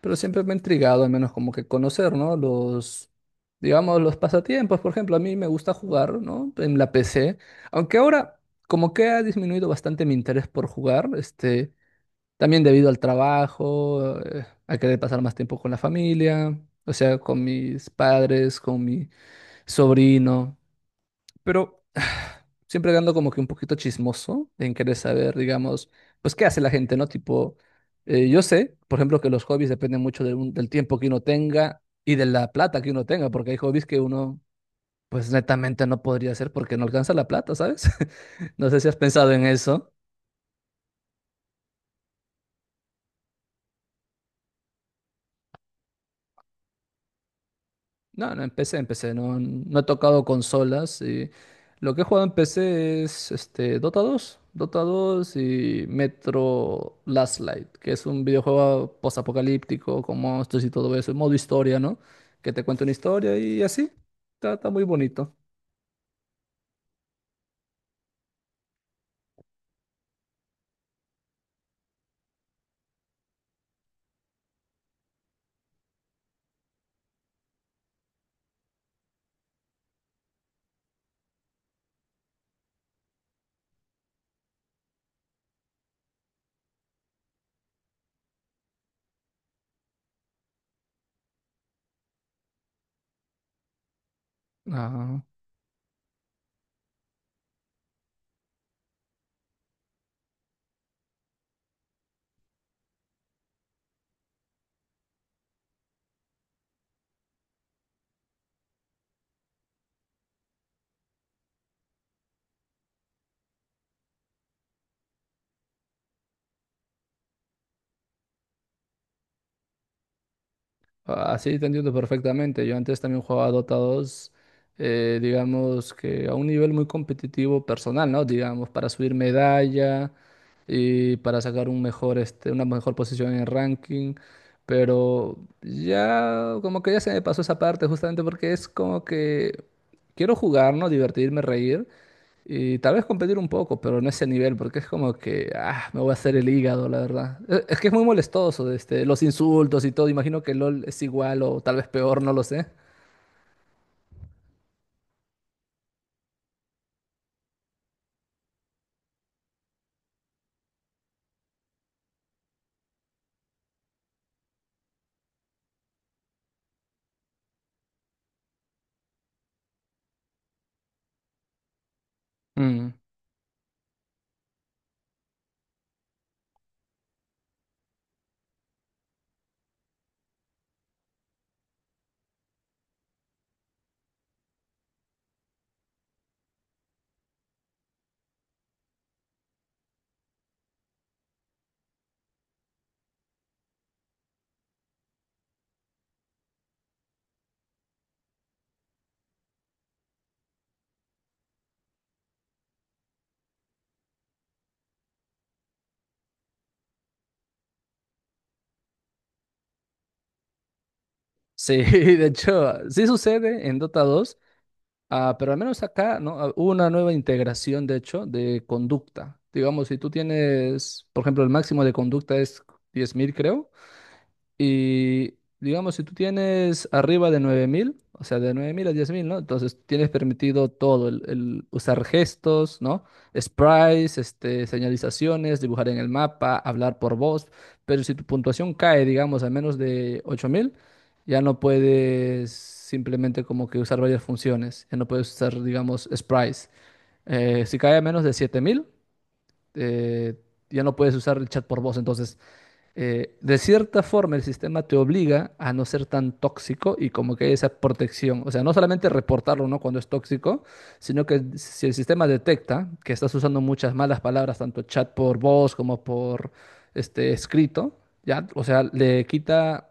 Pero siempre me ha intrigado, al menos como que conocer, ¿no? Los pasatiempos. Por ejemplo, a mí me gusta jugar, ¿no? En la PC. Aunque ahora como que ha disminuido bastante mi interés por jugar, también debido al trabajo, a querer pasar más tiempo con la familia, o sea, con mis padres, con mi sobrino. Pero siempre ando como que un poquito chismoso en querer saber, digamos, pues qué hace la gente, ¿no? Yo sé, por ejemplo, que los hobbies dependen mucho del tiempo que uno tenga y de la plata que uno tenga, porque hay hobbies que uno pues netamente no podría hacer porque no alcanza la plata, ¿sabes? No sé si has pensado en eso. No, no he tocado consolas y lo que he jugado en PC es Dota 2, Dota 2 y Metro Last Light, que es un videojuego posapocalíptico con monstruos y todo eso, en modo historia, ¿no? Que te cuenta una historia y así, está muy bonito. Ah, así te entiendo perfectamente. Yo antes también jugaba Dota 2, digamos que a un nivel muy competitivo personal, ¿no? Digamos, para subir medalla y para sacar una mejor posición en el ranking. Pero ya, como que ya se me pasó esa parte justamente porque es como que quiero jugar, ¿no? Divertirme, reír y tal vez competir un poco, pero no ese nivel porque es como que, ah, me voy a hacer el hígado, la verdad. Es que es muy molestoso, los insultos y todo. Imagino que LOL es igual o tal vez peor, no lo sé. Mm. Sí, de hecho, sí sucede en Dota 2. Ah, pero al menos acá, ¿no? Ah, hubo una nueva integración, de hecho, de conducta. Digamos, si tú tienes, por ejemplo, el máximo de conducta es 10.000, creo. Y digamos, si tú tienes arriba de 9.000, o sea, de 9.000 a 10.000, ¿no? Entonces tienes permitido todo, el usar gestos, ¿no? Sprites, señalizaciones, dibujar en el mapa, hablar por voz. Pero si tu puntuación cae, digamos, a menos de 8.000, ya no puedes simplemente como que usar varias funciones. Ya no puedes usar, digamos, sprites. Si cae a menos de 7.000, eh, ya no puedes usar el chat por voz. Entonces, de cierta forma el sistema te obliga a no ser tan tóxico y como que hay esa protección. O sea, no solamente reportarlo, ¿no? Cuando es tóxico, sino que si el sistema detecta que estás usando muchas malas palabras, tanto chat por voz como por escrito, ya, o sea, le quita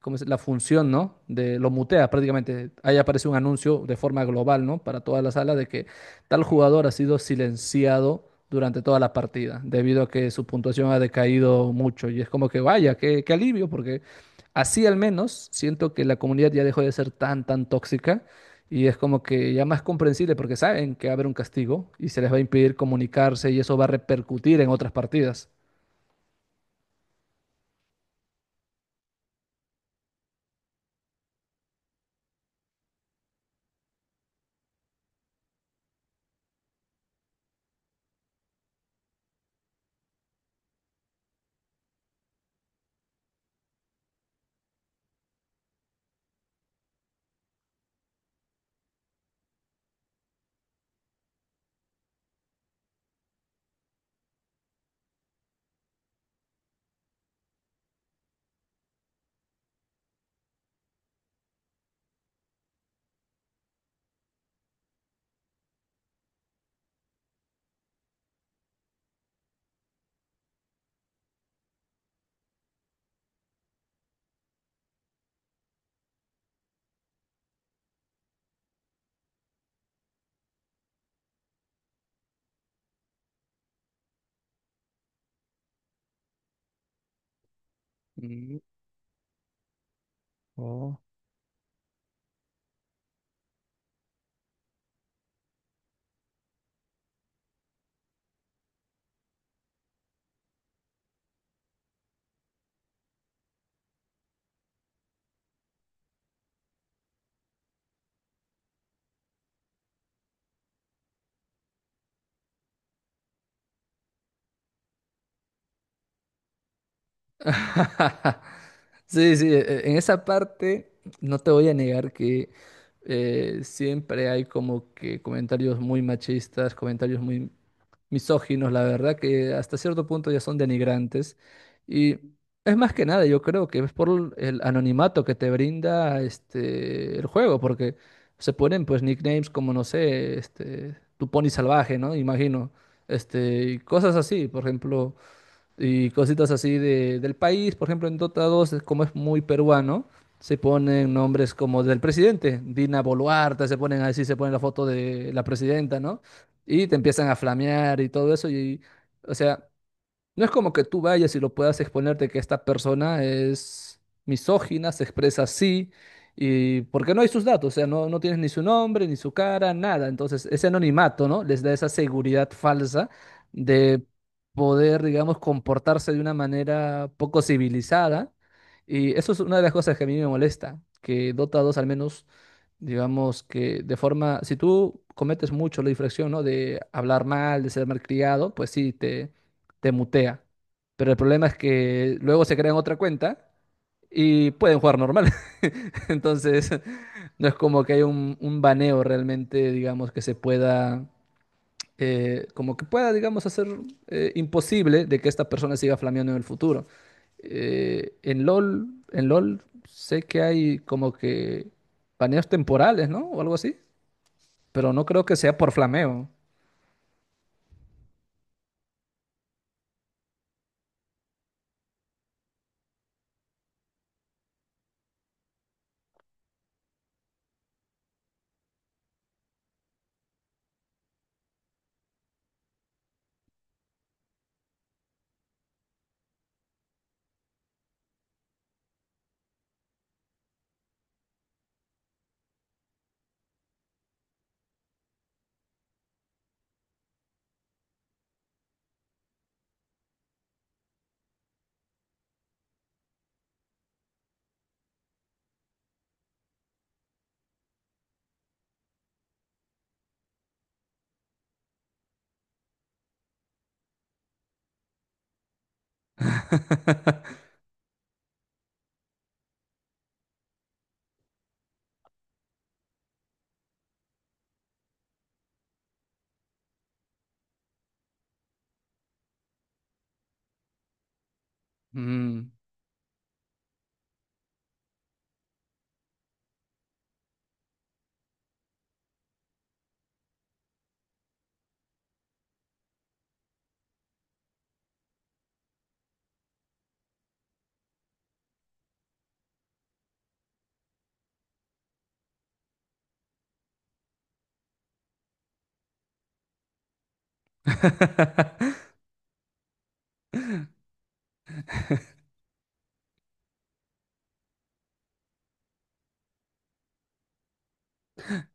como la función, ¿no? De, lo mutea prácticamente. Ahí aparece un anuncio de forma global, ¿no? Para toda la sala de que tal jugador ha sido silenciado durante toda la partida, debido a que su puntuación ha decaído mucho. Y es como que, vaya, qué, qué alivio, porque así al menos siento que la comunidad ya dejó de ser tan, tan tóxica. Y es como que ya más comprensible porque saben que va a haber un castigo y se les va a impedir comunicarse y eso va a repercutir en otras partidas. Mm, oh. Sí, sí, en esa parte no te voy a negar que siempre hay como que comentarios muy machistas, comentarios muy misóginos, la verdad que hasta cierto punto ya son denigrantes. Y es más que nada, yo creo que es por el anonimato que te brinda el juego, porque se ponen pues nicknames como, no sé, tu pony salvaje, ¿no? Imagino, y cosas así, por ejemplo, y cositas así de, del país. Por ejemplo, en Dota 2 es como es muy peruano, se ponen nombres como del presidente, Dina Boluarte, se ponen así, se ponen la foto de la presidenta, ¿no? Y te empiezan a flamear y todo eso. Y, o sea, no es como que tú vayas y lo puedas exponerte que esta persona es misógina, se expresa así, y porque no hay sus datos, o sea, no tienes ni su nombre, ni su cara, nada. Entonces, ese anonimato, ¿no? Les da esa seguridad falsa de poder, digamos, comportarse de una manera poco civilizada. Y eso es una de las cosas que a mí me molesta, que Dota 2 al menos, digamos que de forma, si tú cometes mucho la infracción, ¿no? De hablar mal, de ser malcriado, pues sí, te mutea. Pero el problema es que luego se crean otra cuenta y pueden jugar normal. Entonces, no es como que hay un baneo realmente, digamos, que se pueda, como que pueda, digamos, hacer imposible de que esta persona siga flameando en el futuro. En LOL sé que hay como que baneos temporales, ¿no? O algo así. Pero no creo que sea por flameo. Mm.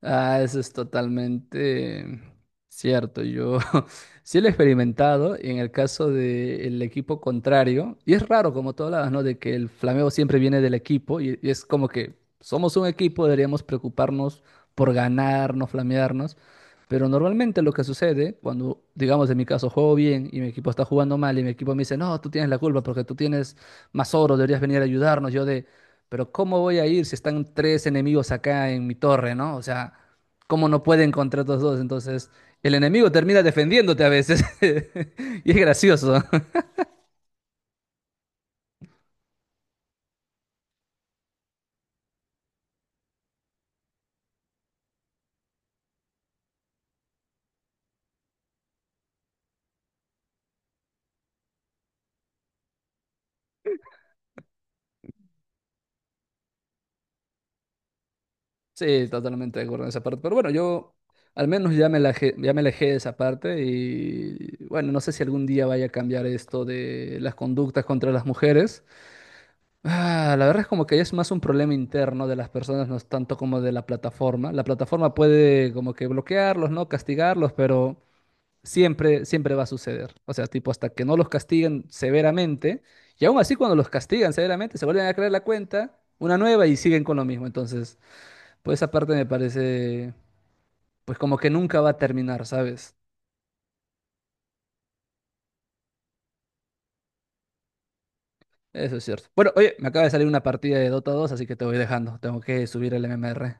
Ah, eso es totalmente cierto. Yo sí lo he experimentado y en el caso del equipo contrario, y es raro como tú hablabas, ¿no? De que el flameo siempre viene del equipo y es como que somos un equipo, deberíamos preocuparnos por ganar, no flamearnos, pero normalmente lo que sucede cuando, digamos, en mi caso juego bien y mi equipo está jugando mal y mi equipo me dice, no, tú tienes la culpa porque tú tienes más oro, deberías venir a ayudarnos, yo de... Pero ¿cómo voy a ir si están tres enemigos acá en mi torre, ¿no? O sea, ¿cómo no pueden contra estos dos? Entonces, el enemigo termina defendiéndote a veces. Y es gracioso. Sí, totalmente de acuerdo en esa parte. Pero bueno, yo al menos ya ya me alejé de esa parte y bueno, no sé si algún día vaya a cambiar esto de las conductas contra las mujeres. Ah, la verdad es como que ya es más un problema interno de las personas, no es tanto como de la plataforma. La plataforma puede como que bloquearlos, ¿no? Castigarlos, pero siempre, siempre va a suceder. O sea, tipo, hasta que no los castiguen severamente, y aún así cuando los castigan severamente, se vuelven a crear la cuenta, una nueva y siguen con lo mismo. Entonces, pues esa parte me parece, pues como que nunca va a terminar, ¿sabes? Eso es cierto. Bueno, oye, me acaba de salir una partida de Dota 2, así que te voy dejando. Tengo que subir el MMR.